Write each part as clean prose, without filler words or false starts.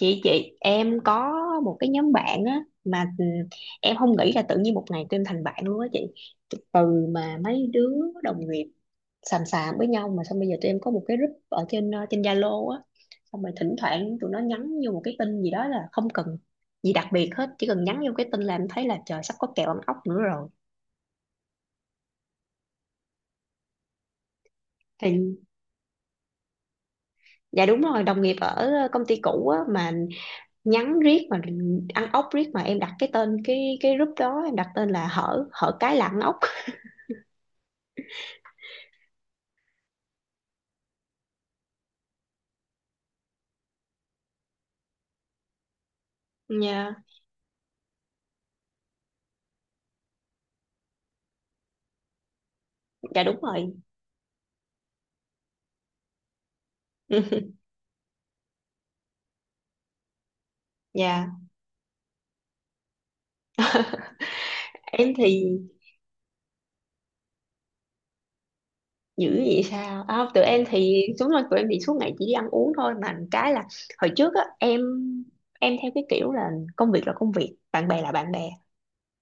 Chị em có một cái nhóm bạn á mà em không nghĩ là tự nhiên một ngày tụi em thành bạn luôn á chị. Từ mà mấy đứa đồng nghiệp xàm xàm với nhau mà xong bây giờ tụi em có một cái group ở trên trên Zalo á. Xong rồi thỉnh thoảng tụi nó nhắn vô một cái tin gì đó là không cần gì đặc biệt hết, chỉ cần nhắn vô cái tin là em thấy là trời sắp có kèo ăn ốc nữa rồi. Thì dạ đúng rồi, đồng nghiệp ở công ty cũ á mà. Nhắn riết mà ăn ốc riết mà em đặt cái tên cái group đó, em đặt tên là hở hở cái là ăn ốc. Dạ, dạ đúng rồi. Dạ, em thì dữ vậy sao? À, tụi em thì đúng rồi, tụi em thì suốt ngày chỉ đi ăn uống thôi mà cái là hồi trước á em theo cái kiểu là công việc, bạn bè là bạn bè.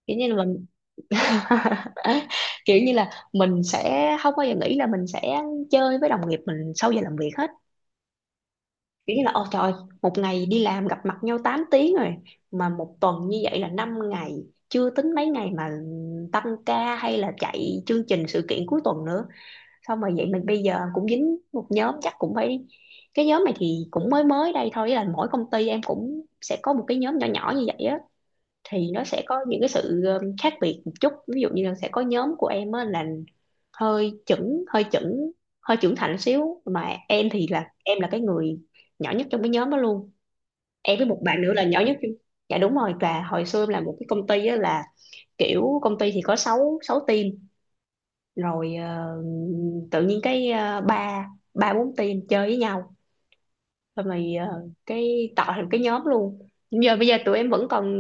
Kiểu như là mình kiểu như là mình sẽ không bao giờ nghĩ là mình sẽ chơi với đồng nghiệp mình sau giờ làm việc hết. Kiểu như là ôi trời, một ngày đi làm gặp mặt nhau 8 tiếng rồi, mà một tuần như vậy là 5 ngày, chưa tính mấy ngày mà tăng ca hay là chạy chương trình sự kiện cuối tuần nữa. Xong rồi vậy mình bây giờ cũng dính một nhóm chắc cũng phải. Cái nhóm này thì cũng mới mới đây thôi, ý là mỗi công ty em cũng sẽ có một cái nhóm nhỏ nhỏ như vậy á. Thì nó sẽ có những cái sự khác biệt một chút, ví dụ như là sẽ có nhóm của em á là hơi chững hơi trưởng thành xíu, mà em thì là em là cái người nhỏ nhất trong cái nhóm đó luôn. Em với một bạn nữa là nhỏ nhất trong- dạ đúng rồi. Và hồi xưa em làm một cái công ty á là kiểu công ty thì có 6 sáu team rồi tự nhiên cái ờ, ba ba bốn team chơi với nhau rồi mày cái tạo thành cái nhóm luôn. Bây giờ tụi em vẫn còn,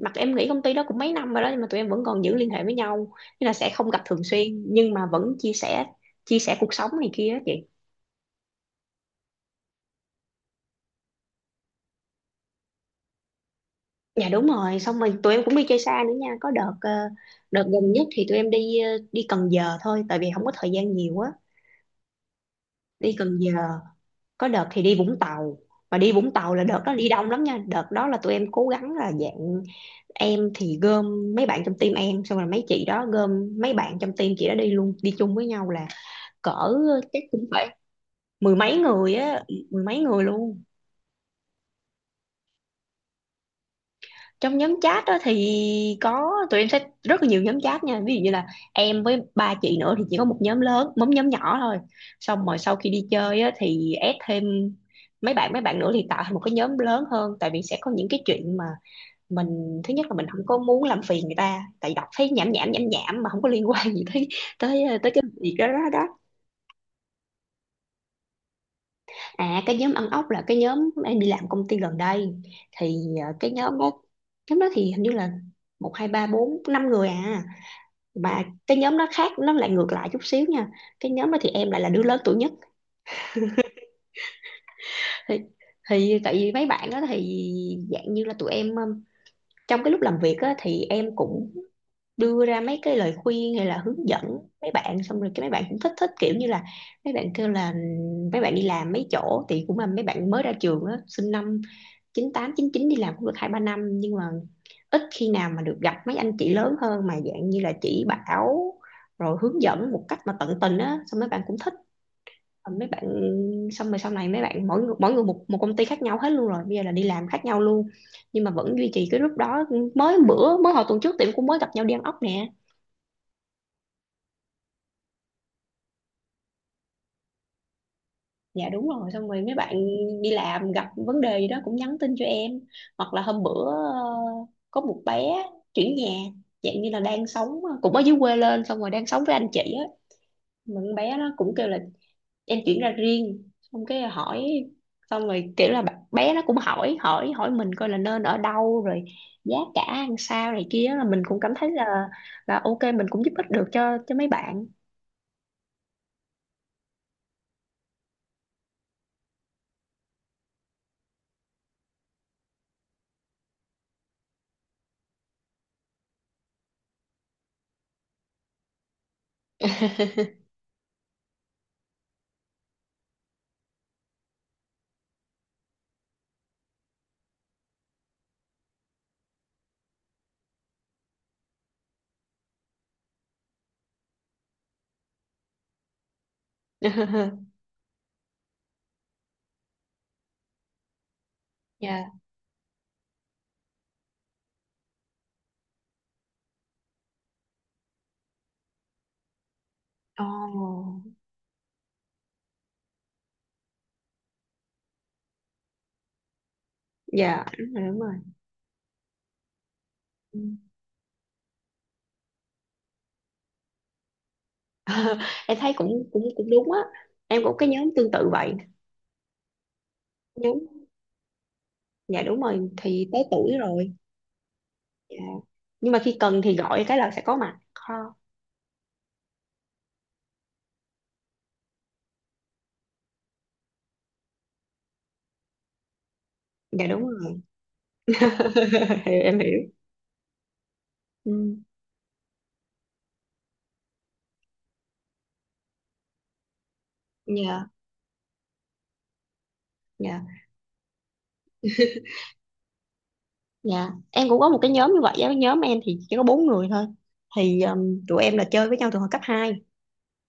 mặc em nghĩ công ty đó cũng mấy năm rồi đó nhưng mà tụi em vẫn còn giữ liên hệ với nhau, nên là sẽ không gặp thường xuyên nhưng mà vẫn chia sẻ cuộc sống này kia á chị. Dạ đúng rồi, xong rồi tụi em cũng đi chơi xa nữa nha. Có đợt đợt gần nhất thì tụi em đi đi Cần Giờ thôi tại vì không có thời gian nhiều á. Đi Cần Giờ, có đợt thì đi Vũng Tàu. Mà đi Vũng Tàu là đợt đó đi đông lắm nha, đợt đó là tụi em cố gắng là dạng em thì gom mấy bạn trong team em xong rồi mấy chị đó gom mấy bạn trong team chị đó đi luôn, đi chung với nhau là cỡ chắc cũng phải mười mấy người á, mười mấy người luôn. Trong nhóm chat đó thì có tụi em sẽ rất là nhiều nhóm chat nha, ví dụ như là em với ba chị nữa thì chỉ có một nhóm lớn một nhóm nhỏ thôi. Xong rồi sau khi đi chơi á, thì add thêm mấy bạn nữa thì tạo thành một cái nhóm lớn hơn, tại vì sẽ có những cái chuyện mà mình thứ nhất là mình không có muốn làm phiền người ta, tại đọc thấy nhảm nhảm nhảm nhảm mà không có liên quan gì tới tới tới cái việc đó đó đó. À cái nhóm ăn ốc là cái nhóm em đi làm công ty gần đây. Thì cái nhóm đó, nhóm đó thì hình như là một hai ba bốn năm người à. Mà cái nhóm nó khác, nó lại ngược lại chút xíu nha, cái nhóm đó thì em lại là đứa lớn tuổi nhất. Thì, thì tại vì mấy bạn đó thì dạng như là tụi em trong cái lúc làm việc á, thì em cũng đưa ra mấy cái lời khuyên hay là hướng dẫn mấy bạn, xong rồi cái mấy bạn cũng thích thích kiểu như là mấy bạn kêu là mấy bạn đi làm mấy chỗ thì cũng là mấy bạn mới ra trường á, sinh năm chín tám chín chín, đi làm cũng được hai ba năm nhưng mà ít khi nào mà được gặp mấy anh chị lớn hơn mà dạng như là chỉ bảo rồi hướng dẫn một cách mà tận tình á, xong mấy bạn cũng thích. Mấy bạn xong rồi sau này mấy bạn mỗi người một một công ty khác nhau hết luôn, rồi bây giờ là đi làm khác nhau luôn nhưng mà vẫn duy trì cái group đó. Mới bữa mới hồi tuần trước tiệm cũng mới gặp nhau đi ăn ốc nè. Dạ đúng rồi, xong rồi mấy bạn đi làm gặp vấn đề gì đó cũng nhắn tin cho em, hoặc là hôm bữa có một bé chuyển nhà, dạng như là đang sống cũng ở dưới quê lên xong rồi đang sống với anh chị á. Mà con bé nó cũng kêu là em chuyển ra riêng, xong cái hỏi, xong rồi kiểu là bé nó cũng hỏi hỏi hỏi mình coi là nên ở đâu rồi giá cả ăn sao này kia, là mình cũng cảm thấy là ok mình cũng giúp ích được cho mấy bạn. Dạ. Oh. Dạ đúng rồi đúng rồi. Em thấy cũng cũng cũng đúng á, em cũng cái nhóm tương tự vậy. Nhóm dạ đúng rồi, thì tới tuổi rồi. Dạ. Nhưng mà khi cần thì gọi cái là sẽ có mặt ha. Dạ đúng rồi. Hiểu, em hiểu. Ừ. Dạ dạ dạ, em cũng có một cái nhóm như vậy á. Cái nhóm em thì chỉ có bốn người thôi. Thì tụi em là chơi với nhau từ hồi cấp hai,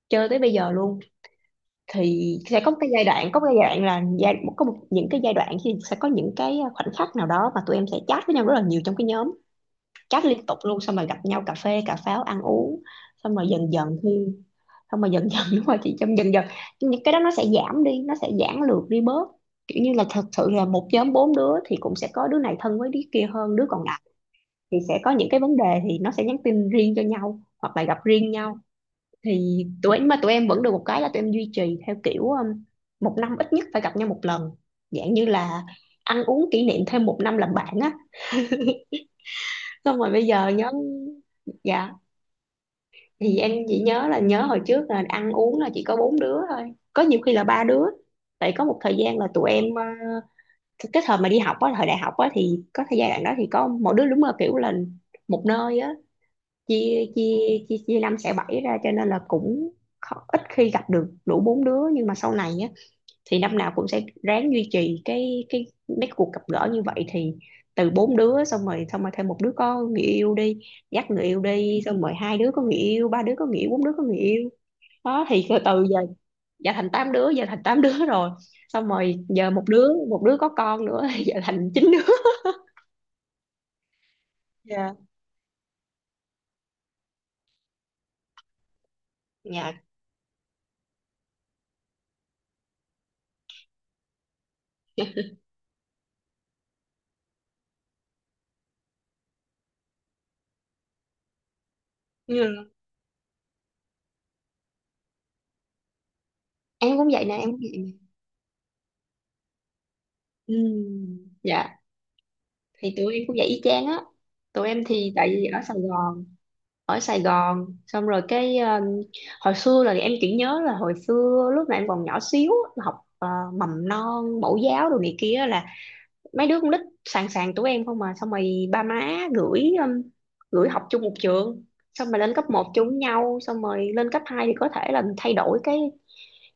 chơi tới bây giờ luôn. Thì sẽ có một cái giai đoạn có một cái giai đoạn, là giai có một, những cái giai đoạn thì sẽ có những cái khoảnh khắc nào đó mà tụi em sẽ chat với nhau rất là nhiều trong cái nhóm, chat liên tục luôn xong rồi gặp nhau cà phê cà pháo ăn uống. xong rồi dần dần thì Xong rồi dần dần đúng rồi chị, trong dần dần những cái đó nó sẽ giảm đi, nó sẽ giãn lược đi bớt. Kiểu như là thật sự là một nhóm bốn đứa thì cũng sẽ có đứa này thân với đứa kia hơn đứa còn lại, thì sẽ có những cái vấn đề thì nó sẽ nhắn tin riêng cho nhau hoặc là gặp riêng nhau. Thì tụi em mà tụi em vẫn được một cái là tụi em duy trì theo kiểu một năm ít nhất phải gặp nhau một lần, dạng như là ăn uống kỷ niệm thêm một năm làm bạn á. Xong rồi bây giờ nhóm dạ, thì em chỉ nhớ là nhớ hồi trước là ăn uống là chỉ có bốn đứa thôi, có nhiều khi là ba đứa tại có một thời gian là tụi em cái thời mà đi học á, thời đại học á, thì có thời gian đó thì có mỗi đứa đúng là kiểu là một nơi á, chia chia chia chia năm xẻ bảy ra cho nên là cũng khó, ít khi gặp được đủ bốn đứa. Nhưng mà sau này á thì năm nào cũng sẽ ráng duy trì cái mấy cuộc gặp gỡ như vậy. Thì từ bốn đứa xong rồi thêm một đứa có người yêu đi, dắt người yêu đi, xong rồi hai đứa có người yêu, ba đứa có người yêu, bốn đứa có người yêu. Đó thì từ từ giờ, giờ thành tám đứa, giờ thành tám đứa rồi, xong rồi giờ một đứa có con nữa. Giờ thành chín đứa. Dạ. Dạ. Ừ. Em cũng vậy nè, em cũng vậy nè. Ừ. Dạ thì tụi em cũng vậy y chang á. Tụi em thì tại vì ở Sài Gòn, xong rồi cái hồi xưa là em chỉ nhớ là hồi xưa lúc mà em còn nhỏ xíu, học mầm non mẫu giáo đồ này kia là mấy đứa con nít sàn sàn tụi em không, mà xong rồi ba má gửi gửi học chung một trường, xong rồi lên cấp một chung với nhau, xong rồi lên cấp 2 thì có thể là thay đổi cái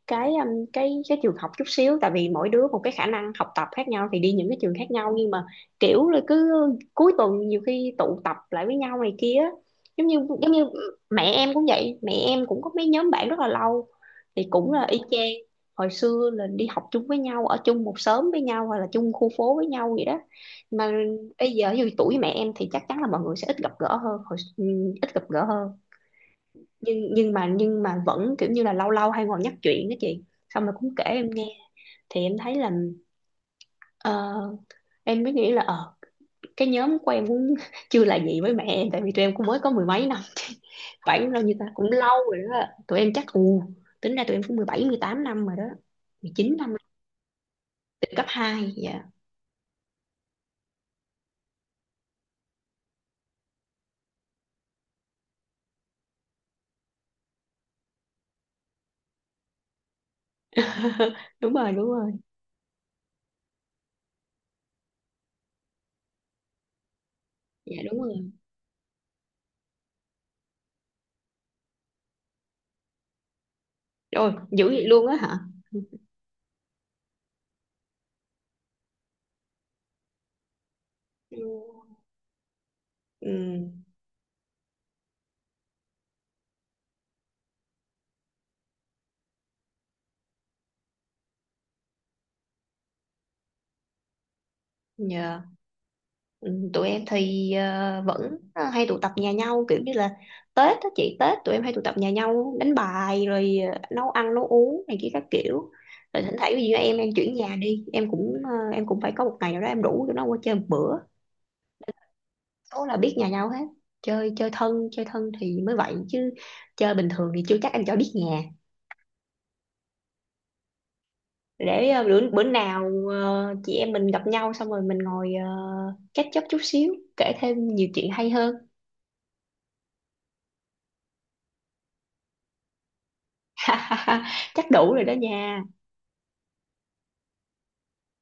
cái trường học chút xíu tại vì mỗi đứa một cái khả năng học tập khác nhau thì đi những cái trường khác nhau. Nhưng mà kiểu là cứ cuối tuần nhiều khi tụ tập lại với nhau này kia á. giống như Giống như mẹ em cũng vậy, mẹ em cũng có mấy nhóm bạn rất là lâu, thì cũng là y chang, hồi xưa là đi học chung với nhau ở chung một xóm với nhau hoặc là chung khu phố với nhau vậy đó. Mà bây giờ dù tuổi mẹ em thì chắc chắn là mọi người sẽ ít gặp gỡ hơn hồi, ít gặp gỡ hơn, nhưng mà vẫn kiểu như là lâu lâu hay ngồi nhắc chuyện đó chị, xong rồi cũng kể em nghe. Thì em thấy là ờ, em mới nghĩ là cái nhóm của em cũng chưa là gì với mẹ em, tại vì tụi em cũng mới có mười mấy năm, khoảng bao nhiêu ta, cũng lâu rồi đó, tụi em chắc ừ, tính ra tụi em cũng 17 18 năm rồi đó, 19 năm từ cấp 2. Đúng rồi đúng rồi. Dạ đúng rồi. Rồi dữ vậy luôn á hả. Ừ, Ừ, nhờ, Ừ. Tụi em thì vẫn hay tụ tập nhà nhau, kiểu như là Tết đó chị, Tết tụi em hay tụ tập nhà nhau đánh bài rồi nấu ăn nấu uống này kia các kiểu. Rồi thỉnh thoảng ví dụ em chuyển nhà đi em cũng em cũng phải có một ngày nào đó em rủ tụi nó qua chơi một bữa. Số là biết nhà nhau hết chơi, chơi thân thì mới vậy chứ, chơi bình thường thì chưa chắc em cho biết nhà. Để bữa bữa nào chị em mình gặp nhau xong rồi mình ngồi catch up chút xíu kể thêm nhiều chuyện hay hơn. Chắc đủ rồi đó nha.